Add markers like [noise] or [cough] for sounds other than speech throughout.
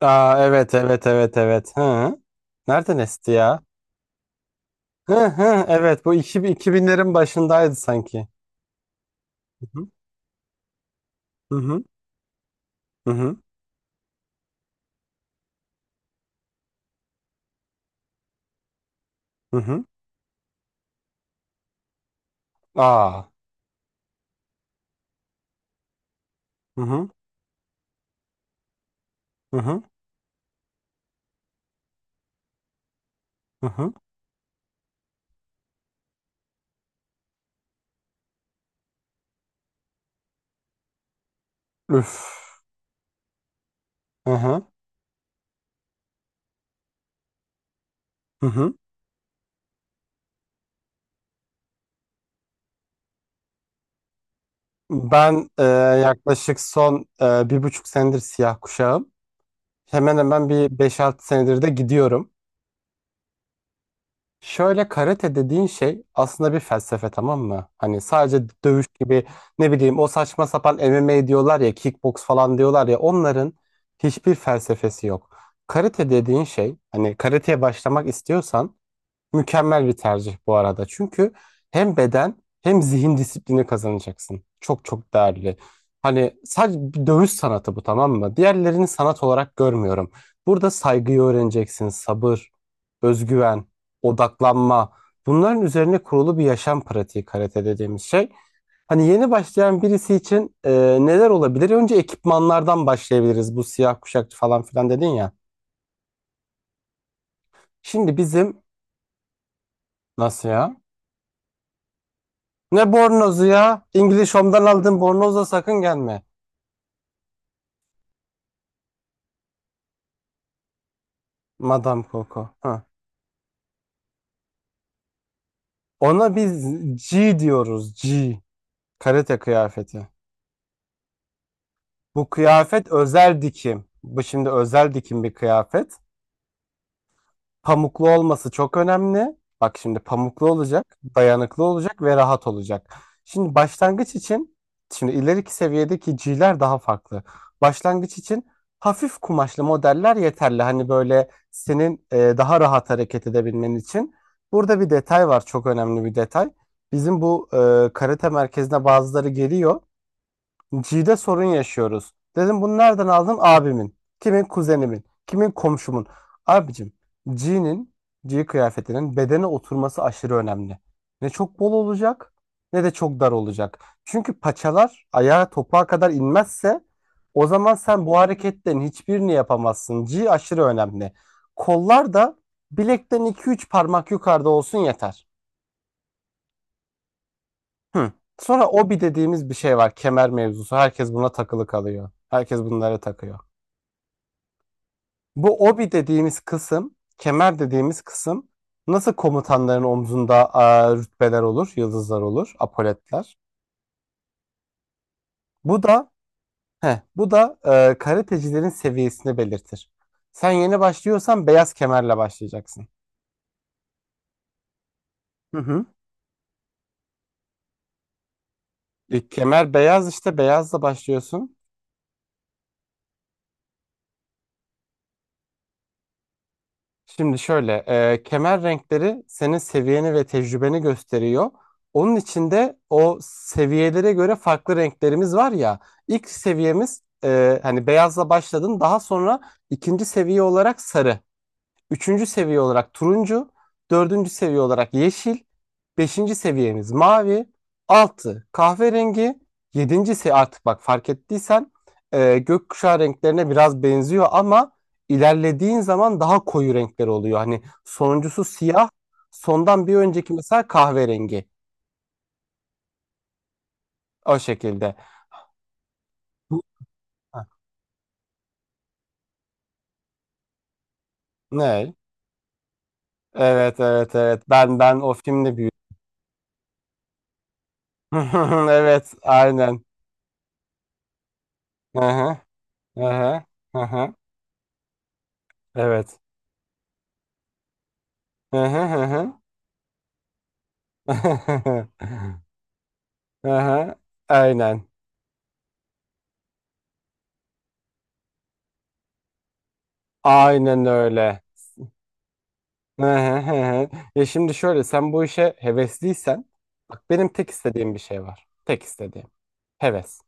Aa, evet evet evet evet. Hı. Nereden esti ya? Hı hı, evet, bu 2000'lerin başındaydı sanki. Hı hı hı hı hı. Hı. Hı. Aa. Hı hı hı hı hı. Hı. Üf. Hı hı hı hı. Ben yaklaşık son 1,5 senedir siyah kuşağım. Hemen hemen bir 5-6 senedir de gidiyorum. Şöyle, karate dediğin şey aslında bir felsefe, tamam mı? Hani sadece dövüş gibi, ne bileyim, o saçma sapan MMA diyorlar ya, kickbox falan diyorlar ya, onların hiçbir felsefesi yok. Karate dediğin şey, hani karateye başlamak istiyorsan mükemmel bir tercih bu arada. Çünkü hem beden hem zihin disiplini kazanacaksın. Çok çok değerli. Hani sadece bir dövüş sanatı bu, tamam mı? Diğerlerini sanat olarak görmüyorum. Burada saygıyı öğreneceksin, sabır, özgüven, odaklanma. Bunların üzerine kurulu bir yaşam pratiği karate dediğimiz şey. Hani yeni başlayan birisi için neler olabilir? Önce ekipmanlardan başlayabiliriz. Bu siyah kuşakçı falan filan dedin ya. Şimdi bizim... Nasıl ya? Ne bornozu ya? İngiliz Home'dan aldığın bornozla sakın gelme. Madame Coco. Ha. Ona biz G diyoruz. G. Karate kıyafeti. Bu kıyafet özel dikim. Bu şimdi özel dikim bir kıyafet. Pamuklu olması çok önemli. Bak, şimdi pamuklu olacak, dayanıklı olacak ve rahat olacak. Şimdi başlangıç için, şimdi ileriki seviyedeki G'ler daha farklı. Başlangıç için hafif kumaşlı modeller yeterli. Hani böyle senin daha rahat hareket edebilmen için. Burada bir detay var, çok önemli bir detay. Bizim bu karate merkezine bazıları geliyor. G'de sorun yaşıyoruz. Dedim, bunu nereden aldın? Abimin. Kimin? Kuzenimin. Kimin? Komşumun. Abicim, G'nin, G kıyafetinin bedene oturması aşırı önemli. Ne çok bol olacak ne de çok dar olacak. Çünkü paçalar ayağa topuğa kadar inmezse, o zaman sen bu hareketlerin hiçbirini yapamazsın. G aşırı önemli. Kollar da bilekten 2-3 parmak yukarıda olsun, yeter. Hı. Sonra obi dediğimiz bir şey var. Kemer mevzusu. Herkes buna takılı kalıyor. Herkes bunlara takıyor. Bu obi dediğimiz kısım, kemer dediğimiz kısım, nasıl komutanların omzunda rütbeler olur, yıldızlar olur, apoletler. Bu da bu da karatecilerin seviyesini belirtir. Sen yeni başlıyorsan beyaz kemerle başlayacaksın. Hı hı. İlk kemer beyaz, işte beyazla başlıyorsun. Şimdi şöyle, kemer renkleri senin seviyeni ve tecrübeni gösteriyor. Onun içinde o seviyelere göre farklı renklerimiz var ya. İlk seviyemiz hani beyazla başladın, daha sonra ikinci seviye olarak sarı. Üçüncü seviye olarak turuncu, dördüncü seviye olarak yeşil, beşinci seviyemiz mavi, altı kahverengi, yedinci seviye. Artık bak, fark ettiysen gökkuşağı renklerine biraz benziyor ama ilerlediğin zaman daha koyu renkler oluyor. Hani sonuncusu siyah, sondan bir önceki mesela kahverengi, o şekilde. Bu- Ha. Ne? Evet evet evet, ben o filmde büyüdüm. [laughs] Evet, aynen. Hı hı, hı hı, hı hı. Evet. Hı hı hı hı. [laughs] Hı hı. Aynen. Aynen öyle. Hı hı hı hı. Ya şimdi şöyle, sen bu işe hevesliysen, bak, benim tek istediğim bir şey var. Tek istediğim. Heves.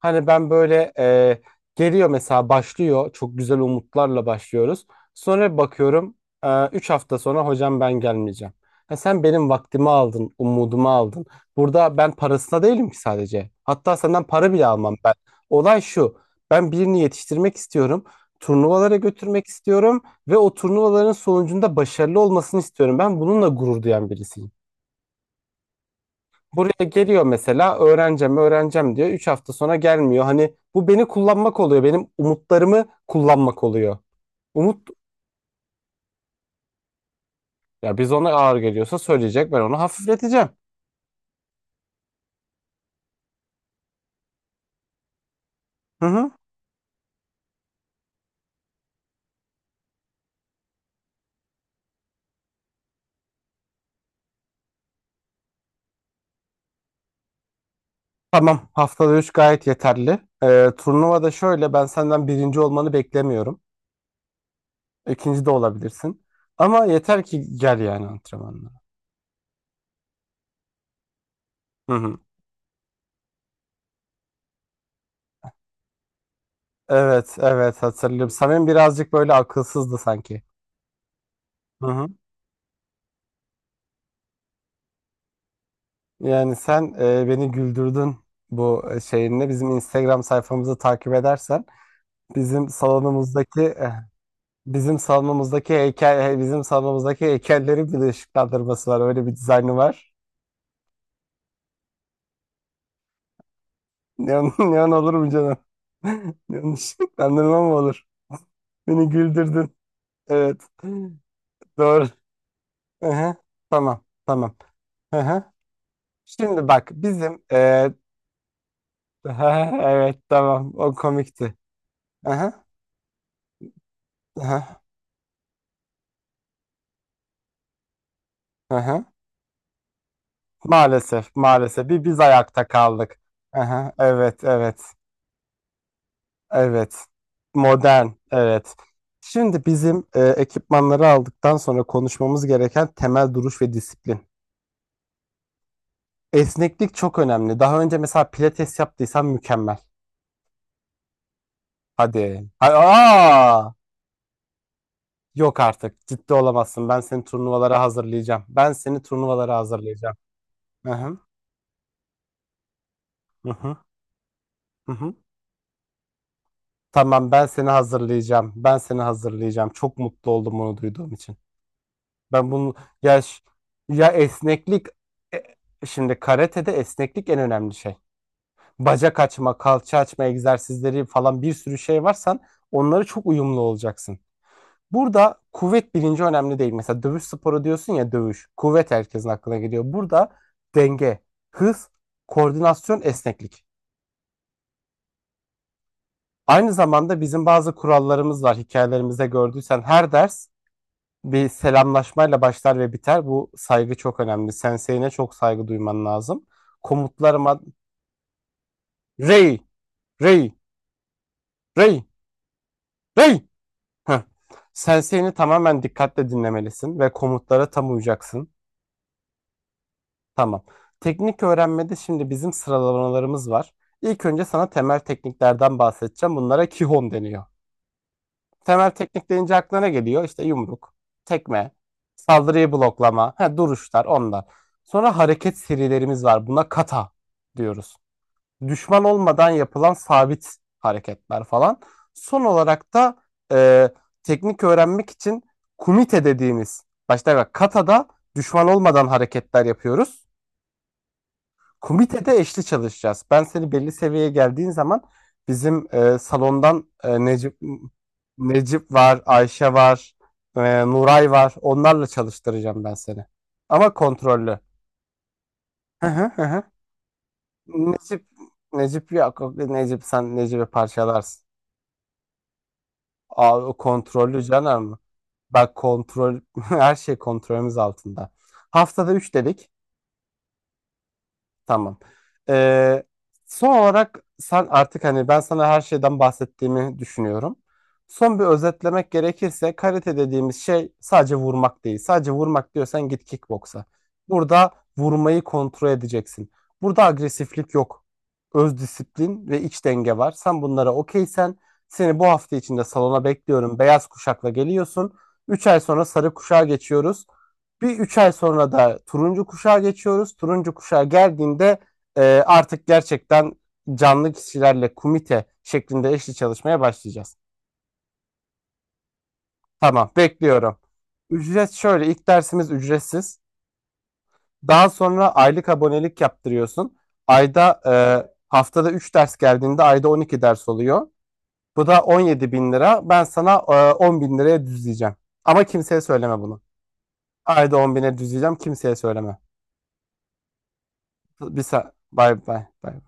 Hani ben böyle geliyor mesela, başlıyor. Çok güzel umutlarla başlıyoruz. Sonra bakıyorum, 3 hafta sonra hocam ben gelmeyeceğim. Ha, sen benim vaktimi aldın, umudumu aldın. Burada ben parasına değilim ki, sadece. Hatta senden para bile almam ben. Olay şu. Ben birini yetiştirmek istiyorum. Turnuvalara götürmek istiyorum ve o turnuvaların sonucunda başarılı olmasını istiyorum. Ben bununla gurur duyan birisiyim. Buraya geliyor mesela, öğreneceğim öğreneceğim diyor. 3 hafta sonra gelmiyor. Hani bu beni kullanmak oluyor. Benim umutlarımı kullanmak oluyor. Umut Ya biz, ona ağır geliyorsa söyleyecek, ben onu hafifleteceğim. Hı hı. Tamam, haftada 3 gayet yeterli. Turnuvada şöyle, ben senden birinci olmanı beklemiyorum. İkinci de olabilirsin. Ama yeter ki gel yani antrenmanlara. Hı hı. Evet evet, hatırlıyorum. Samim birazcık böyle akılsızdı sanki. Hı hı. Yani sen beni güldürdün bu şeyinle. Bizim Instagram sayfamızı takip edersen, bizim salonumuzdaki eh, bizim salonumuzdaki heykellerin bir de ışıklandırması var. Öyle bir dizaynı var. Neon, [laughs] neon olur mu canım? [laughs] Neon ışıklandırma mı olur? Beni güldürdün. Evet. Doğru. Aha. Tamam. Tamam. Aha. Şimdi bak bizim e, [laughs] Evet, tamam, o komikti. Aha. Aha. Aha. Maalesef, maalesef. Bir biz ayakta kaldık. Aha, evet, evet, evet. Modern, evet. Şimdi bizim ekipmanları aldıktan sonra konuşmamız gereken temel duruş ve disiplin. Esneklik çok önemli. Daha önce mesela pilates yaptıysan mükemmel. Hadi. Aa! Yok artık. Ciddi olamazsın. Ben seni turnuvalara hazırlayacağım. Ben seni turnuvalara hazırlayacağım. Hı hı, hı hı, hı hı. Tamam, ben seni hazırlayacağım. Ben seni hazırlayacağım. Çok mutlu oldum bunu duyduğum için. Ben bunu ya ş- ya esneklik e, Şimdi karatede esneklik en önemli şey. Bacak açma, kalça açma egzersizleri falan, bir sürü şey var. Sen onları çok uyumlu olacaksın. Burada kuvvet bilinci önemli değil. Mesela dövüş sporu diyorsun ya, dövüş. Kuvvet herkesin aklına geliyor. Burada denge, hız, koordinasyon, esneklik. Aynı zamanda bizim bazı kurallarımız var. Hikayelerimizde gördüysen, her ders bir selamlaşmayla başlar ve biter. Bu saygı çok önemli. Sensei'ne çok saygı duyman lazım. Komutlarıma Rey, Rey, Rey, Rey. Heh. Sensei'ni tamamen dikkatle dinlemelisin ve komutlara tam uyacaksın. Tamam. Teknik öğrenmede şimdi bizim sıralamalarımız var. İlk önce sana temel tekniklerden bahsedeceğim. Bunlara Kihon deniyor. Temel teknik deyince aklına ne geliyor? İşte yumruk, tekme, saldırıyı bloklama, ha, duruşlar, onlar. Sonra hareket serilerimiz var. Buna kata diyoruz. Düşman olmadan yapılan sabit hareketler falan. Son olarak da e, teknik öğrenmek için kumite dediğimiz, başta bak katada düşman olmadan hareketler yapıyoruz. Komitede eşli çalışacağız. Ben seni belli seviyeye geldiğin zaman, bizim salondan Necip var, Ayşe var, Nuray var. Onlarla çalıştıracağım ben seni. Ama kontrollü. Hı hı hı. Hı. Necip. Necip yok. Necip sen Necip'i parçalarsın. Aa, o kontrollü canım. Bak, kontrol, [laughs] her şey kontrolümüz altında. Haftada 3 dedik. Tamam. Ee, Son olarak sen artık, hani ben sana her şeyden bahsettiğimi düşünüyorum. Son bir özetlemek gerekirse karate dediğimiz şey sadece vurmak değil. Sadece vurmak diyorsan git kickboksa. Burada vurmayı kontrol edeceksin. Burada agresiflik yok. Öz disiplin ve iç denge var. Sen bunlara okeysen seni bu hafta içinde salona bekliyorum. Beyaz kuşakla geliyorsun. 3 ay sonra sarı kuşağa geçiyoruz. Bir 3 ay sonra da turuncu kuşağa geçiyoruz. Turuncu kuşağa geldiğinde artık gerçekten canlı kişilerle komite şeklinde eşli çalışmaya başlayacağız. Tamam, bekliyorum. Ücret şöyle, ilk dersimiz ücretsiz. Daha sonra aylık abonelik yaptırıyorsun. Haftada 3 ders geldiğinde ayda 12 ders oluyor. Bu da 17.000 lira. Ben sana 10 bin liraya düzleyeceğim. Ama kimseye söyleme bunu. Ayda 10.000'e düzleyeceğim. Kimseye söyleme. Bye bye bye.